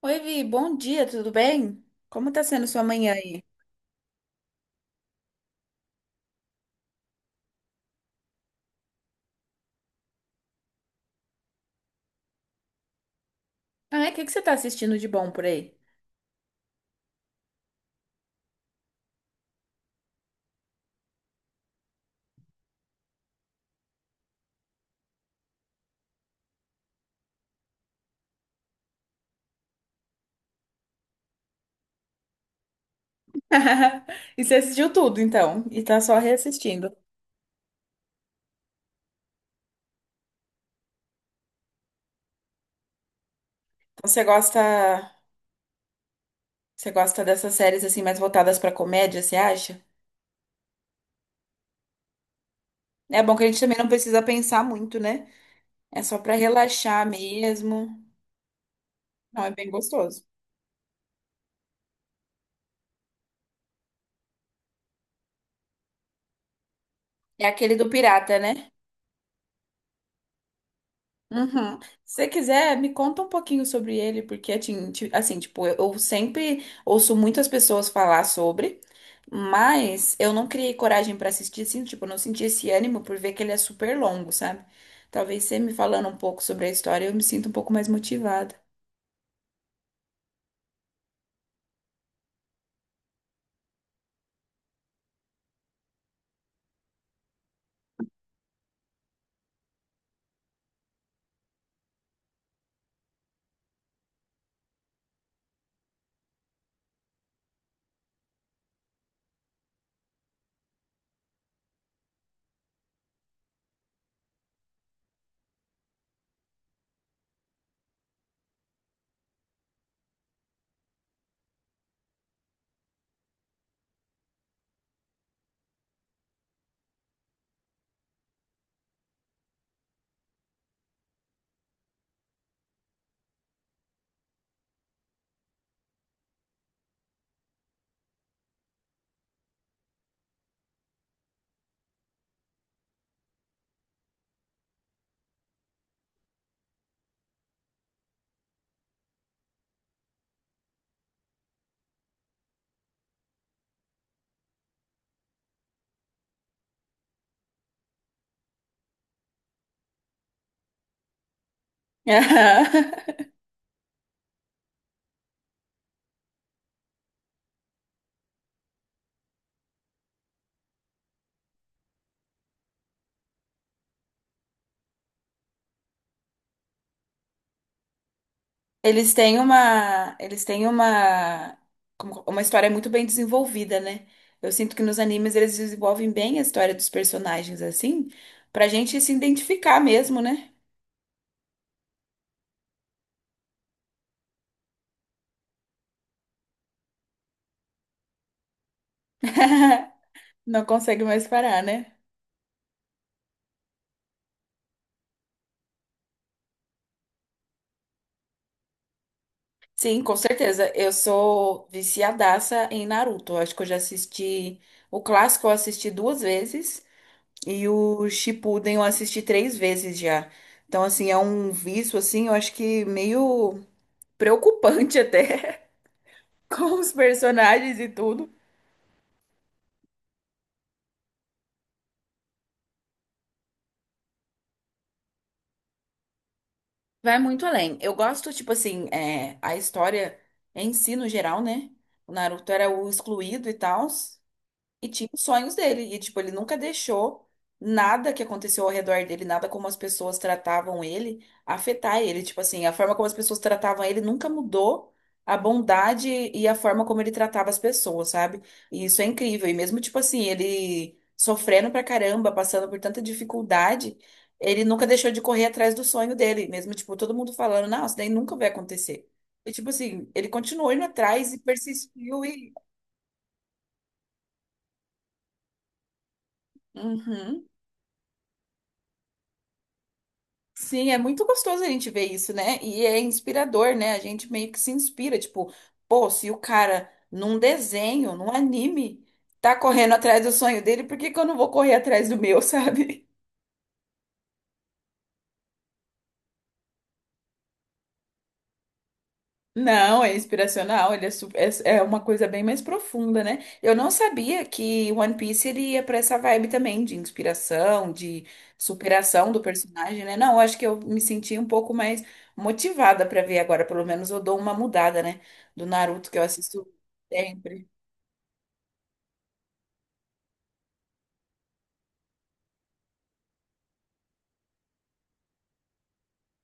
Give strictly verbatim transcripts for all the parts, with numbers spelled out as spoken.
Oi, Vi, bom dia, tudo bem? Como tá sendo sua manhã aí? Ah, é? O que que você tá assistindo de bom por aí? E você assistiu tudo, então, e tá só reassistindo. Então você gosta, você gosta dessas séries assim mais voltadas pra comédia, você acha? É bom que a gente também não precisa pensar muito, né? É só pra relaxar mesmo. Não, é bem gostoso. É aquele do pirata, né? Uhum. Se você quiser, me conta um pouquinho sobre ele, porque assim, ti- assim, tipo, eu eu sempre ouço muitas pessoas falar sobre, mas eu não criei coragem pra assistir, assim, tipo, eu não senti esse ânimo por ver que ele é super longo, sabe? Talvez você me falando um pouco sobre a história, eu me sinto um pouco mais motivada. Eles têm uma, eles têm uma, como- uma história muito bem desenvolvida, né? Eu sinto que nos animes eles desenvolvem bem a história dos personagens assim, pra gente se identificar mesmo, né? Não consegue mais parar, né? Sim, com certeza. Eu sou viciadaça em Naruto. Eu acho que eu já assisti o clássico, eu assisti duas vezes e o Shippuden eu assisti três vezes já. Então, assim, é um vício assim, eu acho que meio preocupante até, com os personagens e tudo. Vai muito além. Eu gosto, tipo assim, é, a história em si, no geral, né? O Naruto era o excluído e tal. E tinha os sonhos dele. E, tipo, ele nunca deixou nada que aconteceu ao redor dele, nada como as pessoas tratavam ele, afetar ele. Tipo assim, a forma como as pessoas tratavam ele nunca mudou a bondade e a forma como ele tratava as pessoas, sabe? E isso é incrível. E mesmo, tipo assim, ele sofrendo pra caramba, passando por tanta dificuldade, ele nunca deixou de correr atrás do sonho dele. Mesmo, tipo, todo mundo falando, não, isso daí nunca vai acontecer. E, tipo assim, ele continuou indo atrás e persistiu e. Uhum. Sim, é muito gostoso a gente ver isso, né? E é inspirador, né? A gente meio que se inspira, tipo, pô, se o cara num desenho, num anime, tá correndo atrás do sonho dele, por que que eu não vou correr atrás do meu, sabe? Não, é inspiracional, ele é, su- é, é uma coisa bem mais profunda, né? Eu não sabia que One Piece ele ia pra essa vibe também de inspiração, de superação do personagem, né? Não, eu acho que eu me senti um pouco mais motivada pra ver agora, pelo menos eu dou uma mudada, né? Do Naruto que eu assisto sempre.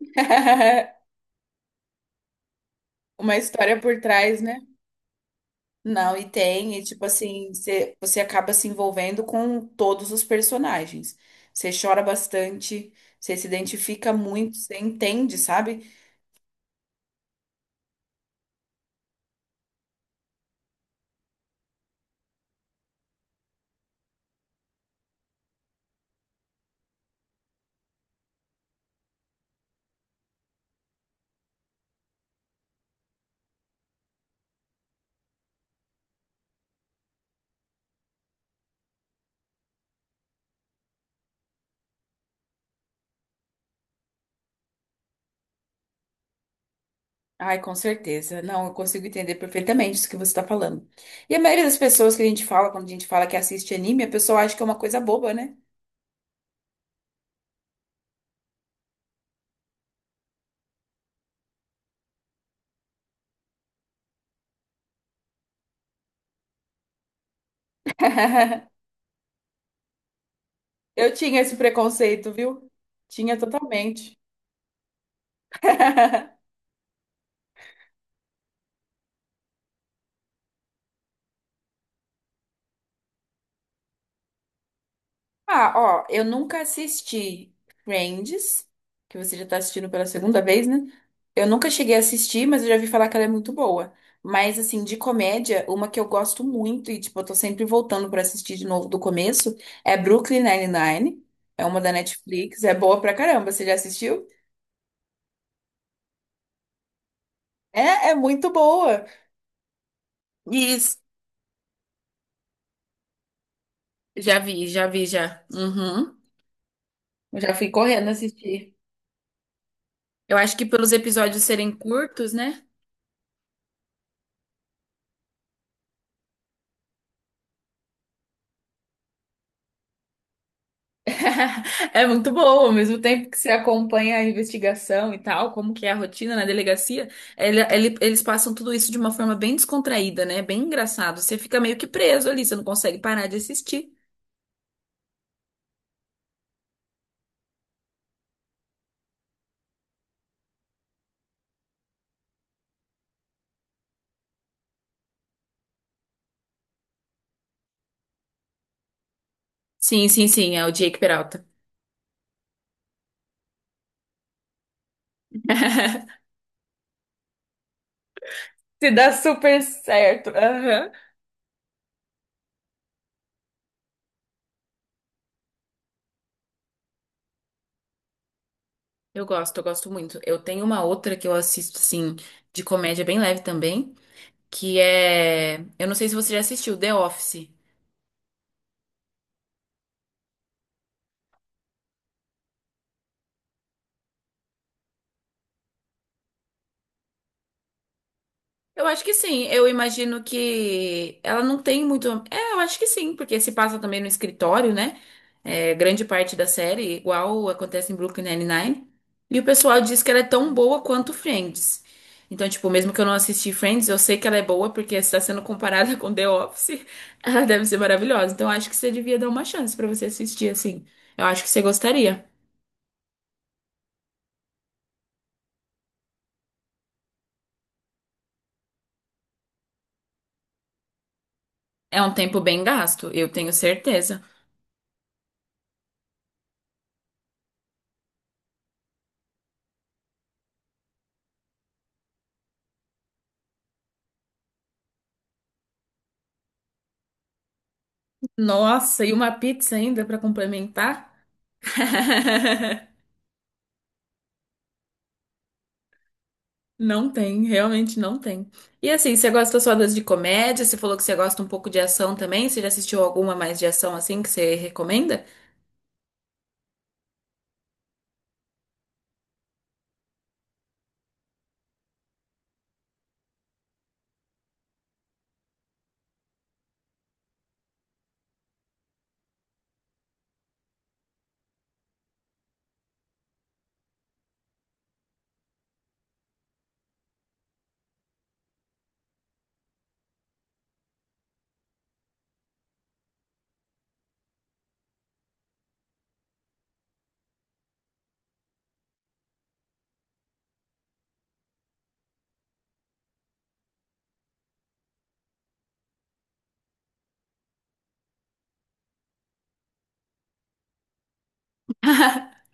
Uma história por trás, né? Não, e tem, e tipo assim, você, você acaba se envolvendo com todos os personagens. Você chora bastante, você se identifica muito, você entende, sabe? Ai, com certeza. Não, eu consigo entender perfeitamente isso que você tá falando. E a maioria das pessoas que a gente fala, quando a gente fala que assiste anime, a pessoa acha que é uma coisa boba, né? Eu tinha esse preconceito, viu? Tinha totalmente. Ah, ó, eu nunca assisti Friends, que você já tá assistindo pela segunda vez, né? Eu nunca cheguei a assistir, mas eu já vi falar que ela é muito boa. Mas, assim, de comédia, uma que eu gosto muito e, tipo, eu tô sempre voltando pra assistir de novo do começo é Brooklyn Nine-Nine. É uma da Netflix, é boa pra caramba. Você já assistiu? É, é muito boa. Isso. Já vi, já vi, já. Uhum. Eu já fui correndo assistir. Eu acho que pelos episódios serem curtos, né? É muito bom, ao mesmo tempo que você acompanha a investigação e tal, como que é a rotina na delegacia, ele- ele- eles passam tudo isso de uma forma bem descontraída, né? Bem engraçado. Você fica meio que preso ali, você não consegue parar de assistir. Sim, sim, sim, é o Jake Peralta. Se dá super certo. Aham. Eu gosto, eu gosto muito. Eu tenho uma outra que eu assisto, assim, de comédia bem leve também, que é. Eu não sei se você já assistiu, The Office. Eu acho que sim. Eu imagino que ela não tem muito. É, eu acho que sim, porque se passa também no escritório, né? É, grande parte da série, igual acontece em Brooklyn Nine-Nine. E o pessoal diz que ela é tão boa quanto Friends. Então, tipo, mesmo que eu não assisti Friends, eu sei que ela é boa porque se está sendo comparada com The Office, ela deve ser maravilhosa. Então, eu acho que você devia dar uma chance pra você assistir, assim. Eu acho que você gostaria. É um tempo bem gasto, eu tenho certeza. Nossa, e uma pizza ainda pra complementar? Não tem, realmente não tem. E assim, você gosta só das de comédia? Você falou que você gosta um pouco de ação também. Você já assistiu alguma mais de ação assim que você recomenda?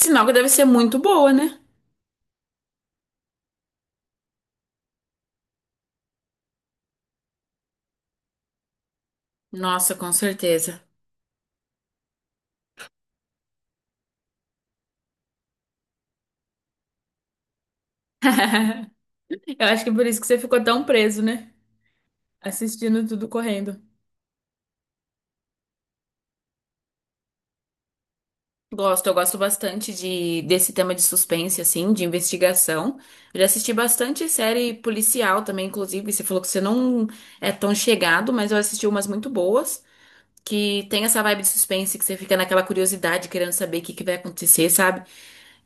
Sinal que deve ser muito boa, né? Nossa, com certeza. Eu acho que por isso que você ficou tão preso, né? Assistindo tudo correndo. Gosto, eu gosto bastante de, desse tema de suspense, assim, de investigação. Eu já assisti bastante série policial também, inclusive. Você falou que você não é tão chegado, mas eu assisti umas muito boas, que tem essa vibe de suspense, que você fica naquela curiosidade, querendo saber o que que vai acontecer, sabe?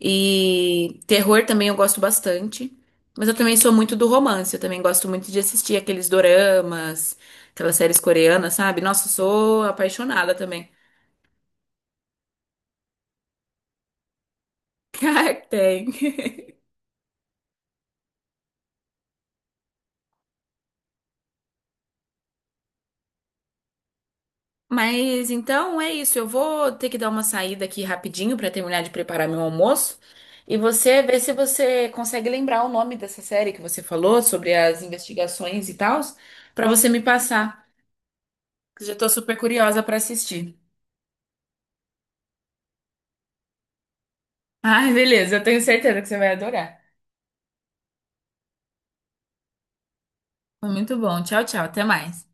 E terror também eu gosto bastante. Mas eu também sou muito do romance, eu também gosto muito de assistir aqueles doramas, aquelas séries coreanas, sabe? Nossa, eu sou apaixonada também. Cara, tem. Mas então é isso, eu vou ter que dar uma saída aqui rapidinho para terminar de preparar meu almoço. E você vê se você consegue lembrar o nome dessa série que você falou sobre as investigações e tal, para você me passar, que eu já tô super curiosa para assistir. Ai, beleza, eu tenho certeza que você vai adorar. Foi muito bom. Tchau, tchau, até mais.